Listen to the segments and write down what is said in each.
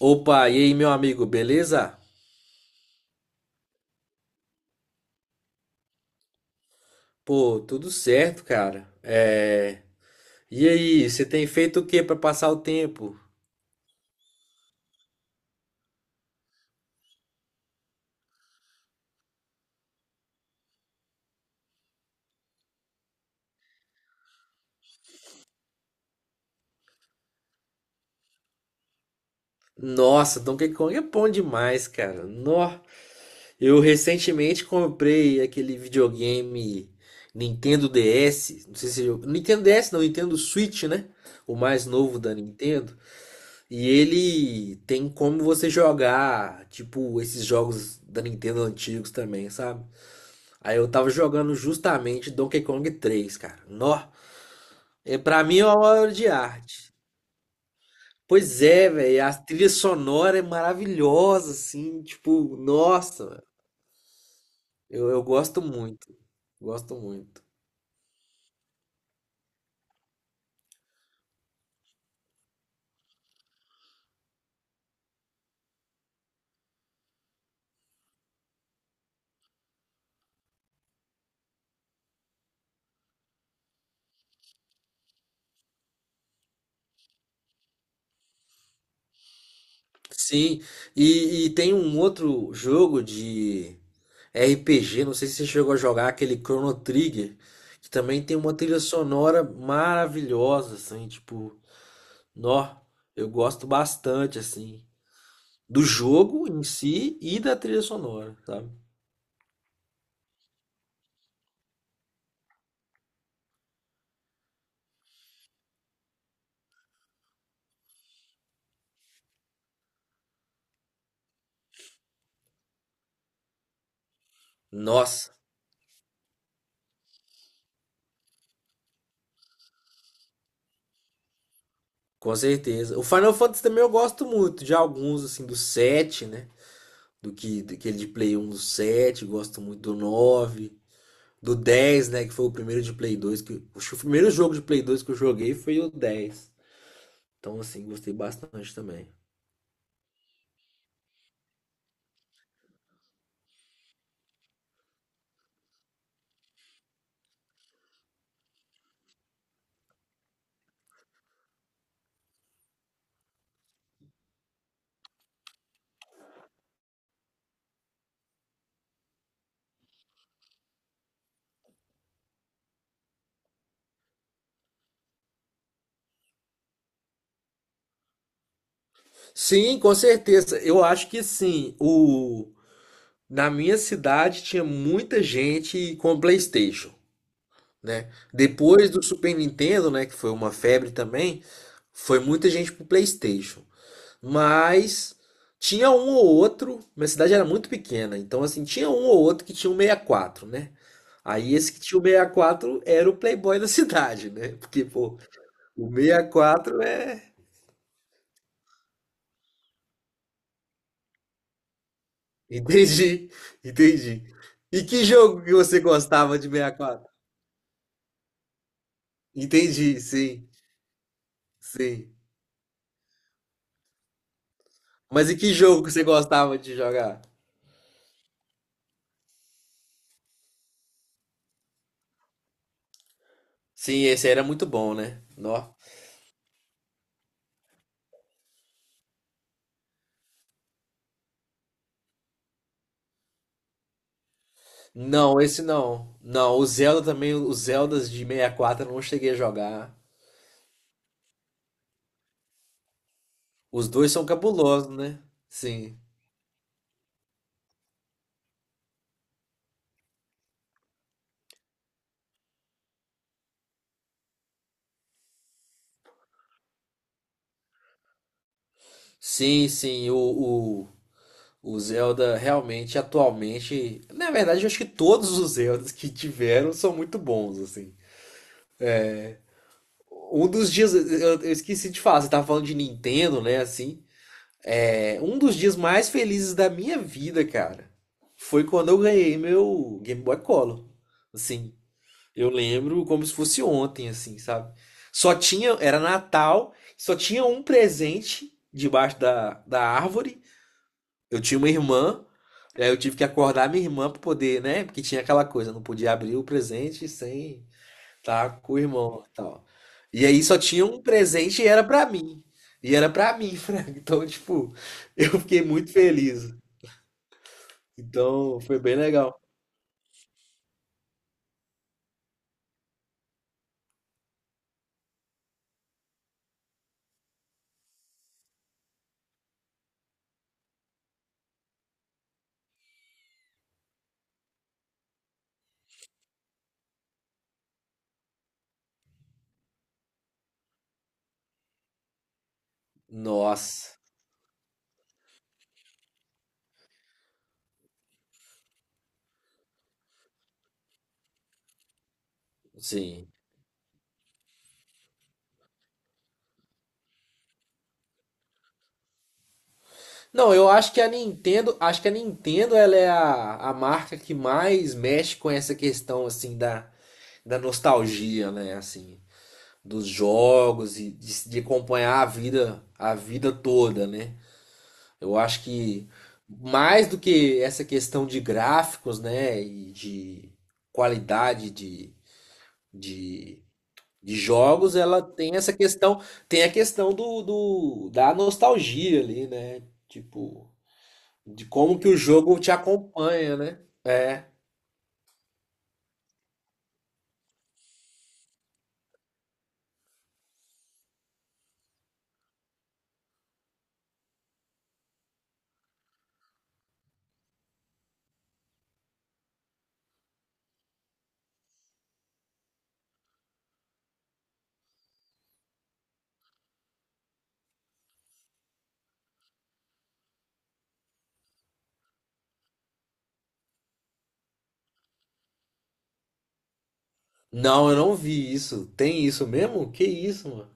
Opa, e aí, meu amigo, beleza? Pô, tudo certo, cara. E aí, você tem feito o que pra passar o tempo? Nossa, Donkey Kong é bom demais, cara. Nó. Eu recentemente comprei aquele videogame Nintendo DS, não sei se eu... Nintendo DS não, Nintendo Switch, né? O mais novo da Nintendo. E ele tem como você jogar, tipo, esses jogos da Nintendo antigos também, sabe? Aí eu tava jogando justamente Donkey Kong três, cara. Nó. É, pra mim é uma obra de arte. Pois é, velho. A trilha sonora é maravilhosa, assim. Tipo, nossa, velho. Eu gosto muito. Gosto muito. Sim. E tem um outro jogo de RPG. Não sei se você chegou a jogar aquele Chrono Trigger, que também tem uma trilha sonora maravilhosa, assim. Tipo, nó. Eu gosto bastante, assim, do jogo em si e da trilha sonora, sabe? Nossa, com certeza. O Final Fantasy também eu gosto muito de alguns, assim, do 7, né? Do que daquele de Play 1 do 7, gosto muito do 9, do 10, né? Que foi o primeiro de Play 2. Que, acho que o primeiro jogo de Play 2 que eu joguei foi o dez. Então, assim, gostei bastante também. Sim, com certeza. Eu acho que sim. Na minha cidade tinha muita gente com PlayStation, né? Depois do Super Nintendo, né, que foi uma febre também, foi muita gente pro PlayStation. Mas tinha um ou outro, minha cidade era muito pequena, então assim, tinha um ou outro que tinha um 64, né? Aí esse que tinha o 64 era o playboy da cidade, né? Porque, pô, o 64 é... Entendi, entendi. E que jogo que você gostava de 64? Entendi, sim, sim. Mas e que jogo que você gostava de jogar? Sim, esse aí era muito bom, né? Nó. Não, esse não. Não, o Zelda também, os Zeldas de 64 eu não cheguei a jogar. Os dois são cabulosos, né? Sim. Sim, sim, o, o Zelda realmente, atualmente... Na verdade, eu acho que todos os Zeldas que tiveram são muito bons, assim. Um dos dias, eu esqueci de falar, você tava falando de Nintendo, né, assim. É, um dos dias mais felizes da minha vida, cara, foi quando eu ganhei meu Game Boy Color. Assim, eu lembro como se fosse ontem, assim, sabe? Só tinha, era Natal, só tinha um presente debaixo da árvore. Eu tinha uma irmã, aí eu tive que acordar minha irmã pra poder, né? Porque tinha aquela coisa, não podia abrir o presente sem tá com o irmão e tal. E aí só tinha um presente e era pra mim. E era pra mim, Frank. Então, tipo, eu fiquei muito feliz. Então, foi bem legal. Nossa, sim. Não, eu acho que a Nintendo, acho que a Nintendo ela é a marca que mais mexe com essa questão assim da, da nostalgia, né, assim, dos jogos e de acompanhar a vida toda, né? Eu acho que mais do que essa questão de gráficos, né, e de qualidade de, de jogos, ela tem essa questão, tem a questão do, do da nostalgia ali, né? Tipo, de como que o jogo te acompanha, né? É. Não, eu não vi isso. Tem isso mesmo? Que isso, mano?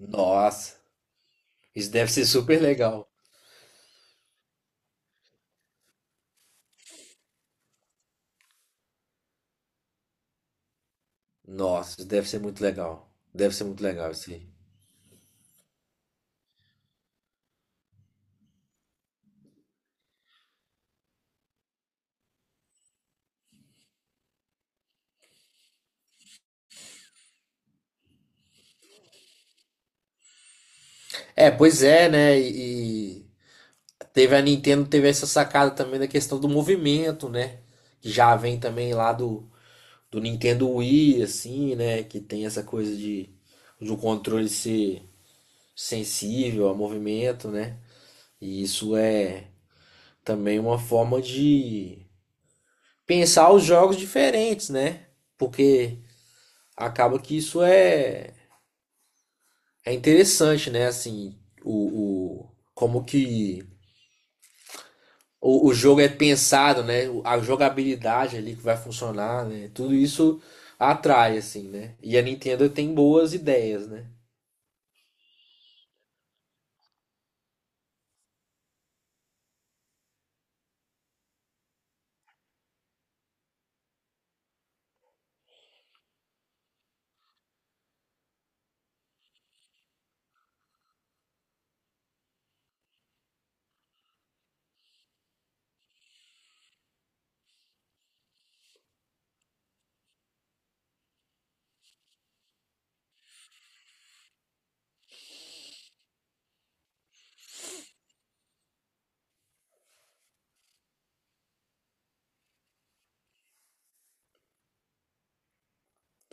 Nossa, isso deve ser super legal. Nossa, isso deve ser muito legal. Deve ser muito legal isso aí. É, pois é, né? E teve a Nintendo, teve essa sacada também da questão do movimento, né? Que já vem também lá do, do Nintendo Wii, assim, né? Que tem essa coisa de um controle ser sensível ao movimento, né? E isso é também uma forma de pensar os jogos diferentes, né? Porque acaba que isso é, é interessante, né? Assim, o como que o jogo é pensado, né? A jogabilidade ali que vai funcionar, né? Tudo isso atrai, assim, né? E a Nintendo tem boas ideias, né?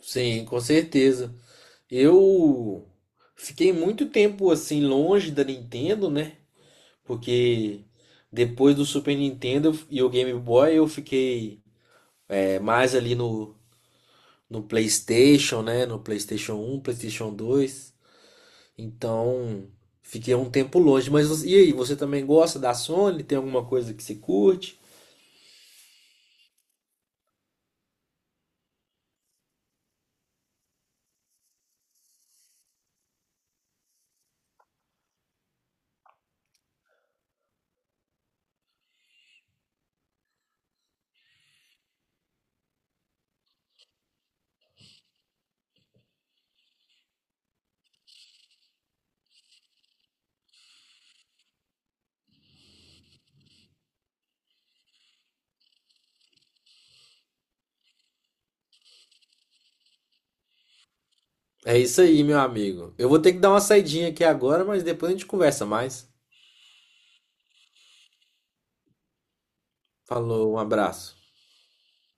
Sim, com certeza. Eu fiquei muito tempo assim longe da Nintendo, né? Porque depois do Super Nintendo e o Game Boy eu fiquei é, mais ali no, no PlayStation, né? No PlayStation 1, PlayStation 2. Então fiquei um tempo longe. Mas e aí, você também gosta da Sony? Tem alguma coisa que se curte? É isso aí, meu amigo. Eu vou ter que dar uma saidinha aqui agora, mas depois a gente conversa mais. Falou, um abraço.